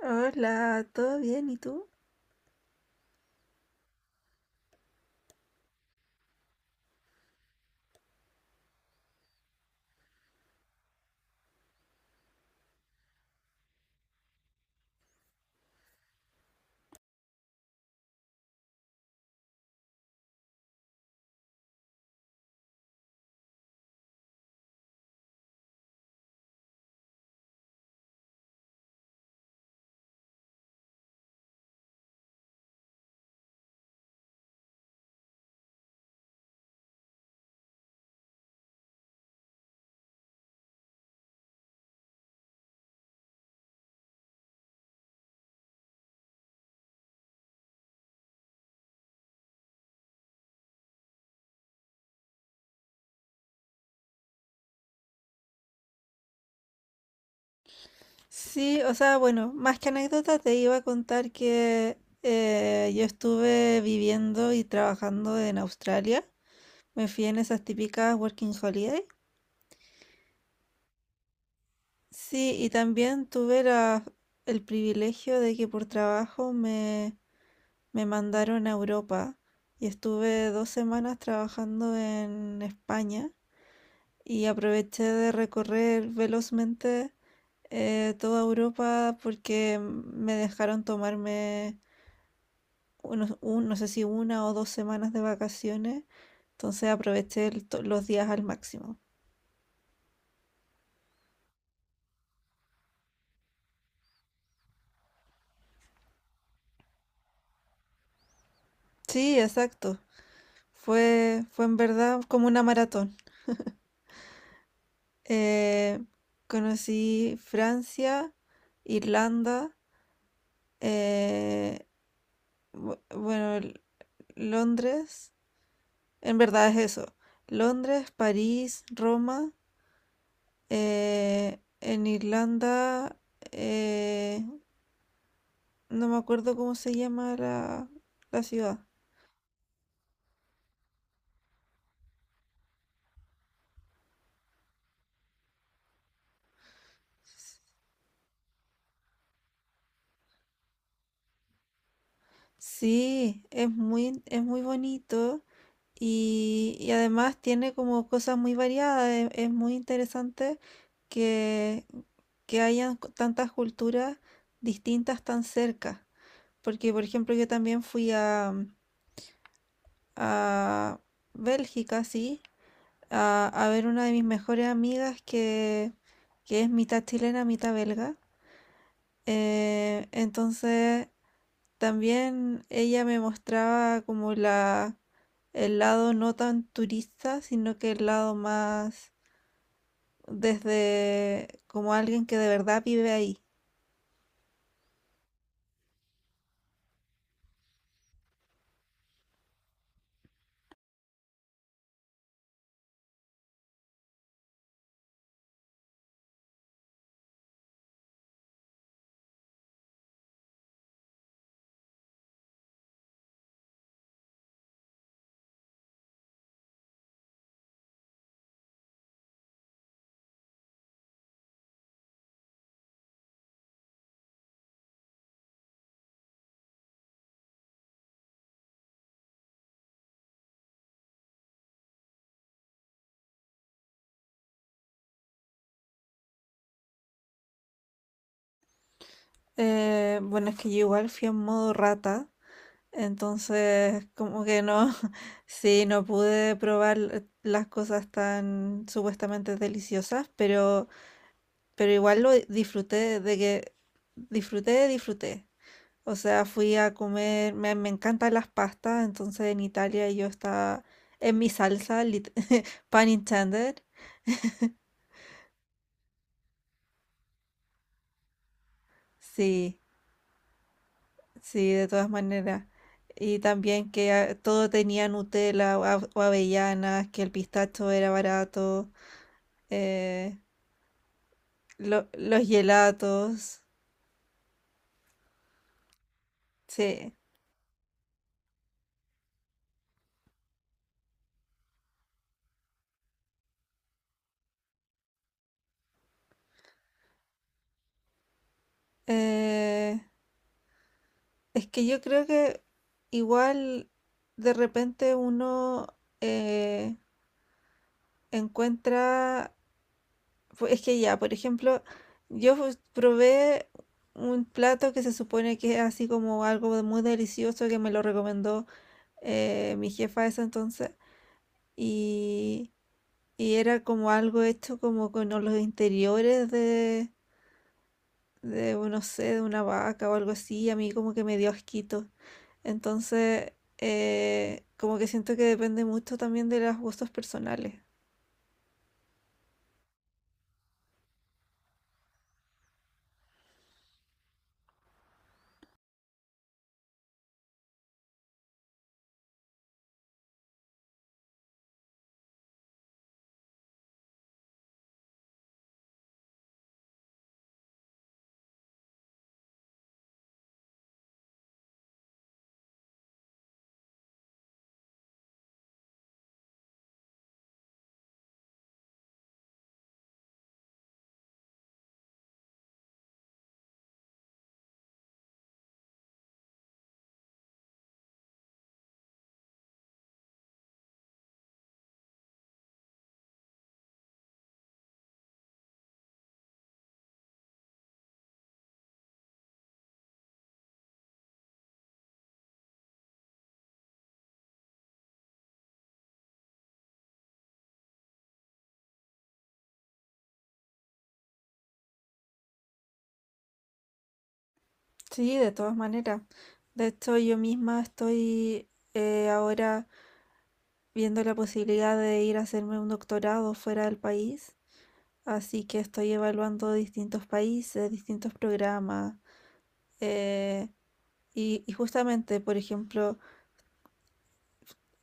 Hola, ¿todo bien? ¿Y tú? Sí, o sea, bueno, más que anécdota te iba a contar que yo estuve viviendo y trabajando en Australia. Me fui en esas típicas working holiday. Sí, y también el privilegio de que por trabajo me mandaron a Europa y estuve 2 semanas trabajando en España y aproveché de recorrer velozmente. Toda Europa porque me dejaron tomarme un, no sé si 1 o 2 semanas de vacaciones, entonces aproveché los días al máximo. Sí, exacto. Fue en verdad como una maratón. Eh, conocí Francia, Irlanda, eh, bueno, Londres, en verdad es eso. Londres, París, Roma. En Irlanda, eh, no me acuerdo cómo se llama la ciudad. Sí, es muy bonito y además tiene como cosas muy variadas. Es muy interesante que, que tantas culturas distintas tan cerca. Porque, por ejemplo, yo también a Bélgica, sí, a ver una de mis mejores amigas que es mitad chilena, mitad belga. Entonces también ella me mostraba como el lado no tan turista, sino que el lado más desde como alguien que de verdad vive ahí. Bueno, es que yo igual fui en modo rata, entonces como que no, sí, no pude probar las cosas tan supuestamente deliciosas, pero igual lo disfruté disfruté. O sea, fui a comer, me encantan las pastas, entonces en Italia yo estaba en mi salsa, pun intended. Sí, sí, de todas maneras. Y también que ah, todo tenía Nutella o avellanas, que el pistacho era barato, eh, los gelatos, sí. Eh, es que yo creo que igual de repente uno eh, encuentra, es que ya, por ejemplo, probé un plato que se supone que es así como algo de muy delicioso que me lo recomendó mi jefa ese entonces y, y era como algo hecho como con los interiores no sé, de una vaca o algo así, y a mí como que me dio asquito. Entonces, como que siento que depende mucho también de los gustos personales. Sí, de todas maneras. De hecho, yo misma estoy ahora viendo la posibilidad de ir a hacerme un doctorado fuera del país. Así que estoy evaluando distintos países, distintos programas. eh, y, y justamente, por ejemplo,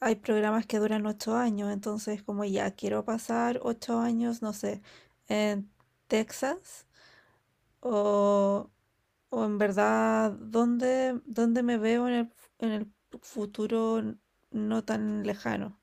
hay programas que duran 8 años. Entonces, como ya quiero pasar 8 años, no sé, en Texas o O en verdad, dónde me veo en en el futuro n- no tan lejano?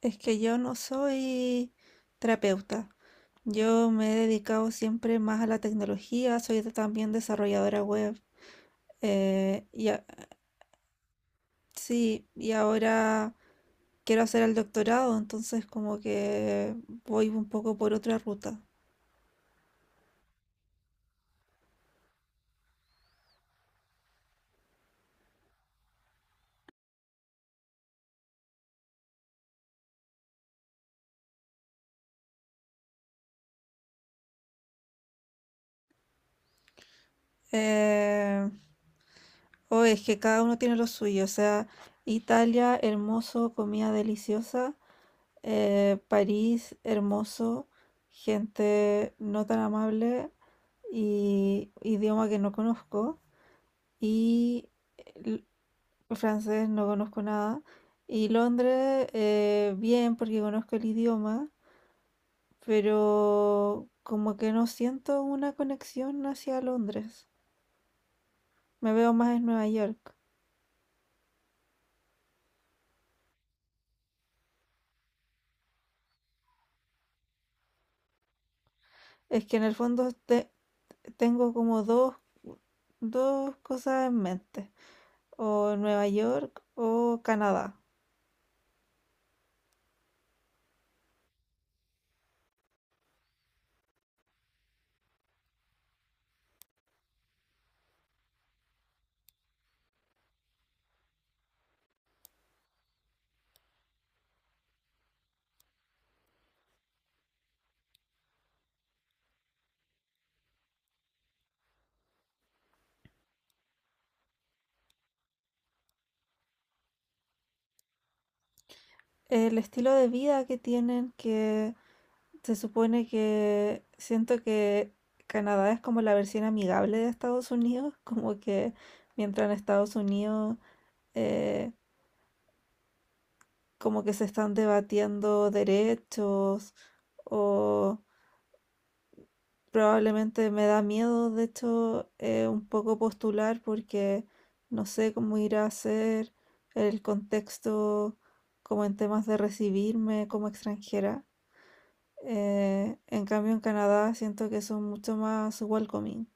Es que yo no soy terapeuta. Yo me he dedicado siempre más a la tecnología, soy también desarrolladora web. eh, y a- sí, y ahora quiero hacer el doctorado, entonces como que voy un poco por otra ruta. Eh, o es que cada uno tiene lo suyo, o sea, Italia, hermoso, comida deliciosa. París hermoso, gente no tan amable y idioma que no conozco y el francés no conozco nada y Londres bien porque conozco el idioma, pero como que no siento una conexión hacia Londres. Me veo más en Nueva York. Es que en el fondo tengo como dos cosas en mente, o Nueva York o Canadá. El estilo de vida que tienen, que se supone que siento que Canadá es como la versión amigable de Estados Unidos, como que mientras en Estados Unidos eh, como que se están debatiendo derechos o probablemente me da miedo, de hecho, un poco postular porque no sé cómo irá a ser el contexto como en temas de recibirme como extranjera. En cambio, en Canadá siento que son mucho más welcoming.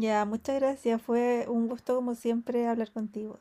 Ya, muchas gracias. Fue un gusto como siempre hablar contigo.